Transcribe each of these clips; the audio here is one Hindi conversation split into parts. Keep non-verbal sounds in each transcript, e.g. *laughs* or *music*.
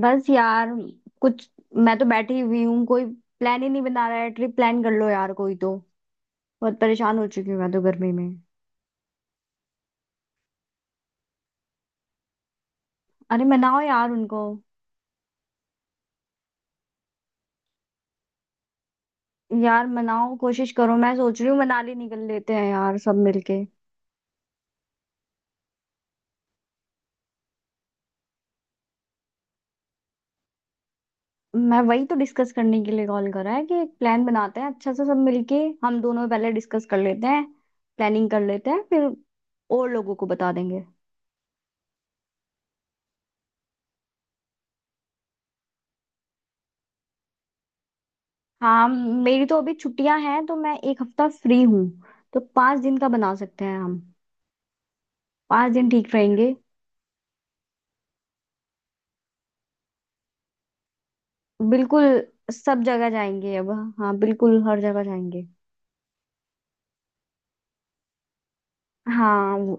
बस यार। कुछ मैं तो बैठी हुई हूँ, कोई प्लान ही नहीं बना रहा है। ट्रिप प्लान कर लो यार कोई तो। बहुत परेशान हो चुकी हूँ मैं तो गर्मी में। अरे मनाओ यार उनको। यार मनाओ, कोशिश करो। मैं सोच रही हूँ मनाली निकल लेते हैं यार सब मिलके। मैं वही तो डिस्कस करने के लिए कॉल करा है कि एक प्लान बनाते हैं अच्छा सा सब मिलके। हम दोनों पहले डिस्कस कर लेते हैं, प्लानिंग कर लेते हैं, फिर और लोगों को बता देंगे। हाँ, मेरी तो अभी छुट्टियां हैं तो मैं एक हफ्ता फ्री हूँ। तो 5 दिन का बना सकते हैं हम। 5 दिन ठीक रहेंगे। बिल्कुल, सब जगह जाएंगे अब। हाँ बिल्कुल, हर जगह जाएंगे। हाँ।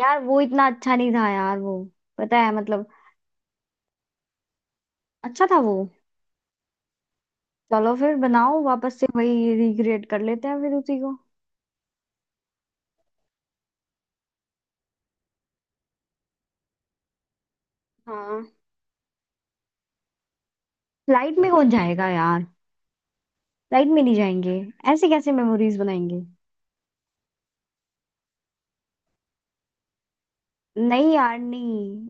यार वो इतना अच्छा नहीं था यार वो। पता है मतलब। अच्छा था वो। चलो फिर बनाओ, वापस से वही रिक्रिएट कर लेते हैं फिर उसी को। हाँ। फ्लाइट में कौन जाएगा यार? फ्लाइट में नहीं जाएंगे। ऐसे कैसे मेमोरीज बनाएंगे? नहीं यार नहीं।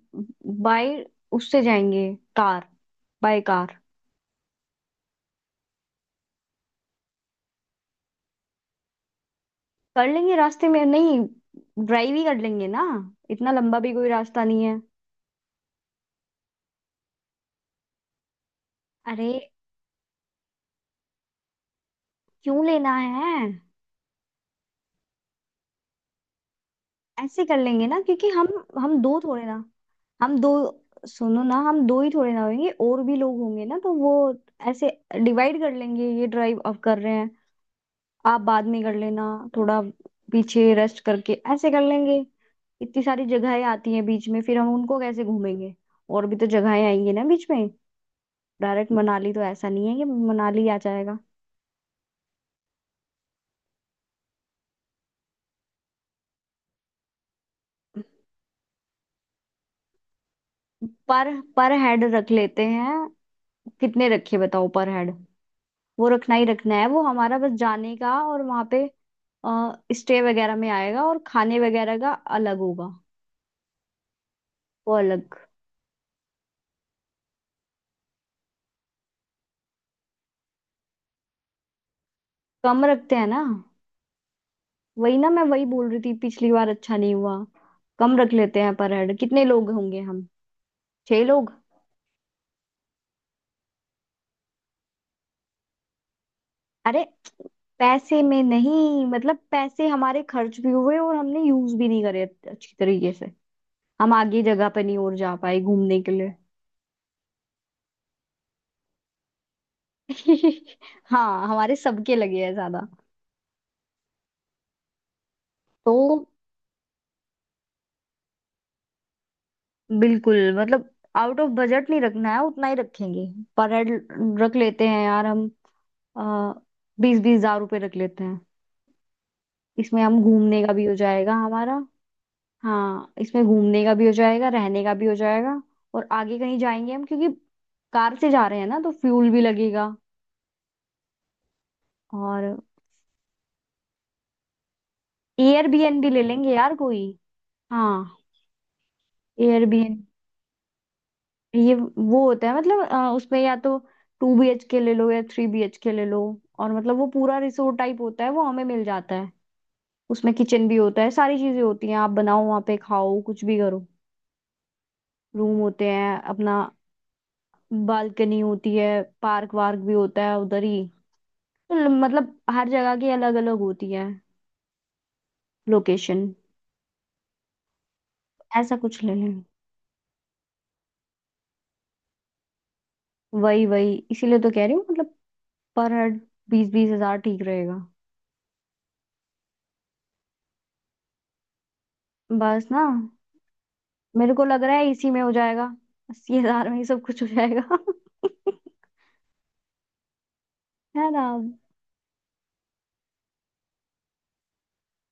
बाय। उससे जाएंगे। कार। By car. कर लेंगे रास्ते में, नहीं, ड्राइव ही कर लेंगे ना। इतना लंबा भी कोई रास्ता नहीं है। अरे, क्यों लेना है? ऐसे कर लेंगे ना क्योंकि हम। हम दो थोड़े ना। हम दो। सुनो ना, हम दो ही थोड़े ना होंगे, और भी लोग होंगे ना तो वो ऐसे डिवाइड कर लेंगे ये ड्राइव। अब कर रहे हैं, आप बाद में कर लेना। थोड़ा पीछे रेस्ट करके ऐसे कर लेंगे। इतनी सारी जगहें आती हैं बीच में, फिर हम उनको कैसे घूमेंगे? और भी तो जगहें आएंगी ना बीच में। डायरेक्ट मनाली तो ऐसा नहीं है कि मनाली आ जाएगा। पर पर हेड रख लेते हैं। कितने रखे बताओ पर हेड? वो रखना ही रखना है, वो हमारा बस जाने का, और वहां पे स्टे वगैरह में आएगा, और खाने वगैरह का अलग होगा। वो अलग। कम रखते हैं ना। वही ना, मैं वही बोल रही थी पिछली बार अच्छा नहीं हुआ। कम रख लेते हैं पर हेड, कितने लोग होंगे हम? छह लोग। अरे पैसे में नहीं, मतलब पैसे हमारे खर्च भी हुए और हमने यूज भी नहीं करे अच्छी तरीके से। हम आगे जगह पे नहीं और जा पाए घूमने के लिए। *laughs* हाँ, हमारे सबके लगे हैं ज्यादा। तो बिल्कुल मतलब आउट ऑफ बजट नहीं रखना है, उतना ही रखेंगे। पर हेड रख लेते हैं यार हम, आ, बीस बीस हजार रुपये रख लेते हैं। इसमें हम घूमने का भी हो जाएगा हमारा। हाँ, इसमें घूमने का भी हो जाएगा, रहने का भी हो जाएगा, और आगे कहीं जाएंगे हम, क्योंकि कार से जा रहे हैं ना तो फ्यूल भी लगेगा। और एयरबीएनबी ले लेंगे यार कोई। हाँ। एयरबीएनबी ये वो होता है मतलब, उसमें या तो टू बी एच के ले लो या थ्री बी एच के ले लो, और मतलब वो पूरा रिसोर्ट टाइप होता है, वो हमें मिल जाता है। उसमें किचन भी होता है, सारी चीजें होती हैं, आप बनाओ वहाँ पे खाओ कुछ भी करो। रूम होते हैं अपना, बालकनी होती है, पार्क वार्क भी होता है उधर ही। तो मतलब हर जगह की अलग अलग होती है लोकेशन। ऐसा कुछ ले लें। वही वही, इसीलिए तो कह रही हूँ मतलब। पर हेड बीस बीस हजार ठीक रहेगा। बस ना, मेरे को लग रहा है इसी में हो जाएगा। 80,000 में ही सब कुछ हो जाएगा। *laughs* है ना।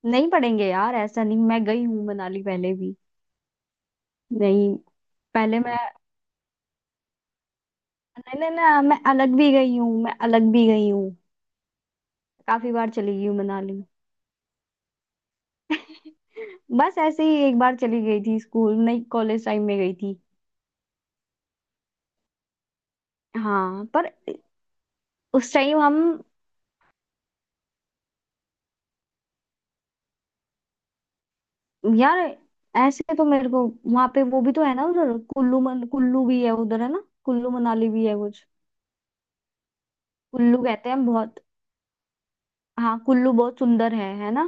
नहीं पढ़ेंगे यार ऐसा नहीं, मैं गई हूँ मनाली पहले भी। नहीं पहले मैं, नहीं नहीं ना, मैं अलग भी गई हूँ, मैं अलग भी गई हूँ। काफी बार चली गई हूँ मनाली। बस ऐसे ही एक बार चली गई थी, स्कूल नहीं कॉलेज टाइम में गई थी। हाँ पर उस टाइम हम। यार ऐसे तो मेरे को वहां पे वो भी तो है ना उधर, कुल्लू मन कुल्लू भी है उधर, है ना, कुल्लू मनाली भी है कुछ। कुल्लू कहते हैं बहुत। हाँ कुल्लू बहुत सुंदर है ना।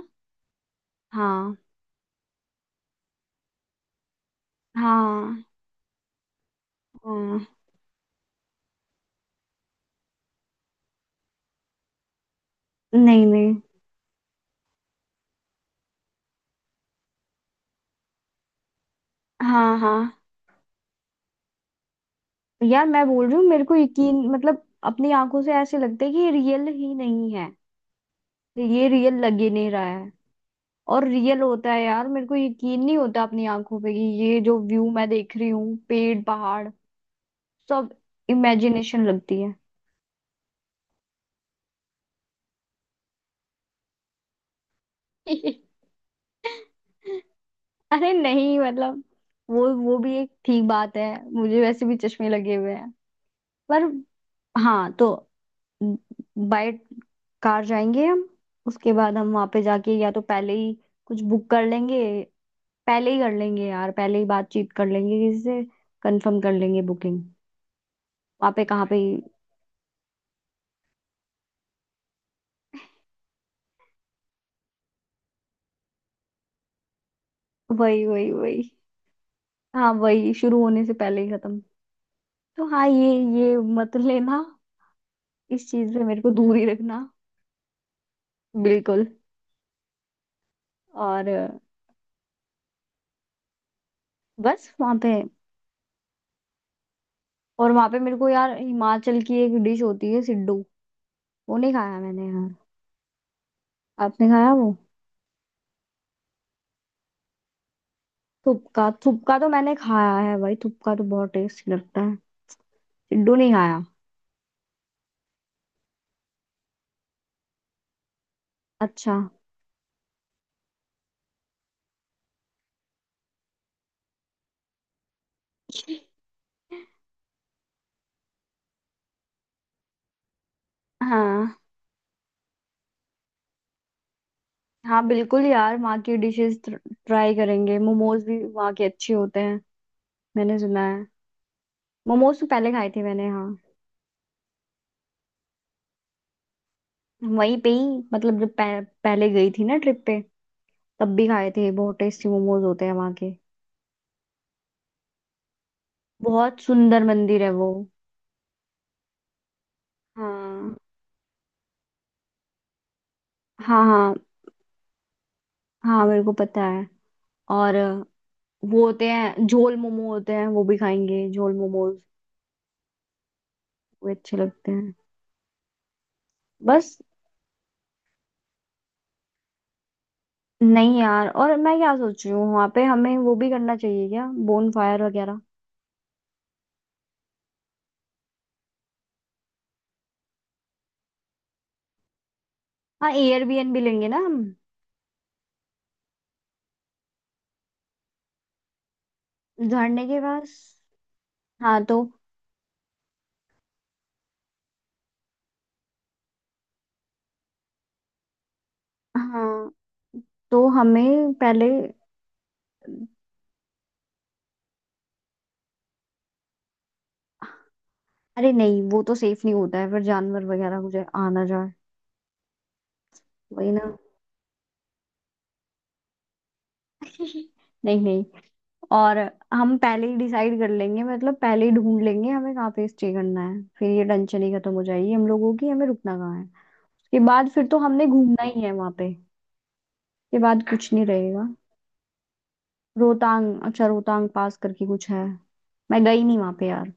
हाँ। हाँ। हाँ। नहीं नहीं। हाँ। हाँ। यार मैं बोल रही हूँ, मेरे को यकीन मतलब अपनी आंखों से ऐसे लगता है कि ये रियल ही नहीं है। ये रियल लग ही नहीं रहा है। और रियल होता है यार, मेरे को यकीन नहीं होता अपनी आंखों पे कि ये जो व्यू मैं देख रही हूँ पेड़ पहाड़ सब, इमेजिनेशन लगती है। *laughs* अरे नहीं मतलब, वो भी एक ठीक बात है। मुझे वैसे भी चश्मे लगे हुए हैं पर। हाँ तो। बाय कार जाएंगे हम। उसके बाद हम वहां पे जाके या तो पहले ही कुछ बुक कर लेंगे। पहले ही कर लेंगे यार, पहले ही बातचीत कर लेंगे किसी से, कंफर्म कर लेंगे बुकिंग। वहां पे कहाँ पे। वही वही वही। हाँ वही, शुरू होने से पहले ही खत्म। तो हाँ, ये मत लेना। इस चीज से मेरे को दूर ही रखना। बिल्कुल। और बस वहां पे, और वहां पे मेरे को यार हिमाचल की एक डिश होती है सिड्डू, वो नहीं खाया मैंने यार। आपने खाया वो? थुपका, थुपका तो मैंने खाया है भाई, थुपका तो बहुत टेस्टी लगता है। सिड्डू नहीं खाया। अच्छा। हाँ हाँ बिल्कुल यार, वहाँ की डिशेस ट्राई करेंगे, मोमोज भी वहाँ के अच्छे होते हैं, मैंने सुना है। मोमोज तो पहले खाए थे मैंने हाँ। वहीं पे ही, मतलब जब पहले गई थी ना ट्रिप पे, तब भी खाए थे। बहुत टेस्टी मोमोज होते हैं वहाँ के। बहुत सुंदर मंदिर है वो। हाँ हाँ। हाँ हाँ मेरे को पता है। और वो होते हैं झोल मोमो, होते हैं, वो भी खाएंगे झोल मोमोज। वो अच्छे लगते हैं। बस नहीं यार, और मैं क्या सोच रही हूँ वहां पे हमें वो भी करना चाहिए क्या, बोन फायर वगैरह। हाँ एयरबीएनबी लेंगे ना हम। झरने के पास। हाँ तो। हाँ तो हमें पहले, अरे नहीं वो तो सेफ नहीं होता है, फिर जानवर वगैरह मुझे आना जाए। वही ना। *laughs* नहीं नहीं। और हम पहले ही डिसाइड कर लेंगे, मतलब पहले ही ढूंढ लेंगे हमें कहाँ पे स्टे करना है, फिर ये टेंशन ही खत्म हो जाएगी हम लोगों की, हमें रुकना कहाँ है। उसके बाद फिर तो हमने घूमना ही है वहां पे। ये बात। कुछ नहीं रहेगा। रोहतांग, अच्छा रोहतांग पास करके कुछ है, मैं गई नहीं वहां पे यार।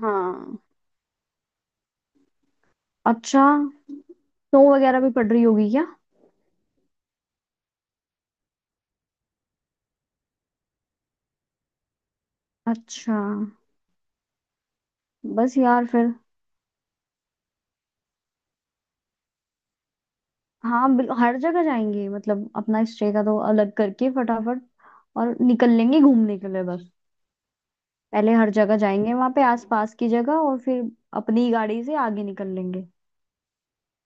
हाँ। अच्छा। स्नो वगैरह भी पड़ रही होगी क्या? अच्छा। बस यार फिर। हाँ हर जगह जाएंगे, मतलब अपना स्टे का तो अलग करके फटाफट और निकल लेंगे घूमने के लिए बस। पहले हर जगह जाएंगे वहां पे आसपास की जगह, और फिर अपनी गाड़ी से आगे निकल लेंगे।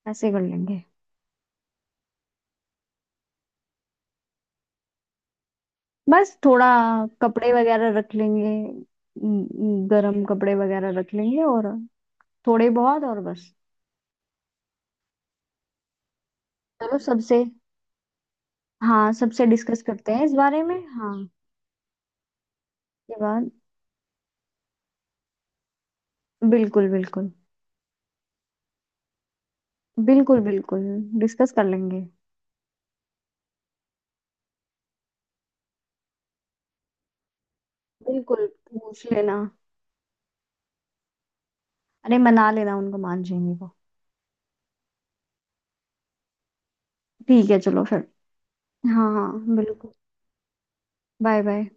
ऐसे कर लेंगे। बस थोड़ा कपड़े वगैरह रख लेंगे, गर्म कपड़े वगैरह रख लेंगे, और थोड़े बहुत और बस। चलो सबसे। हाँ सबसे डिस्कस करते हैं इस बारे में हाँ। ये बात। बिल्कुल बिल्कुल। बिल्कुल बिल्कुल डिस्कस कर लेंगे। बिल्कुल, पूछ लेना। अरे मना लेना उनको, मान जाएंगे वो। ठीक है चलो फिर। हाँ हाँ बिल्कुल। Bye bye.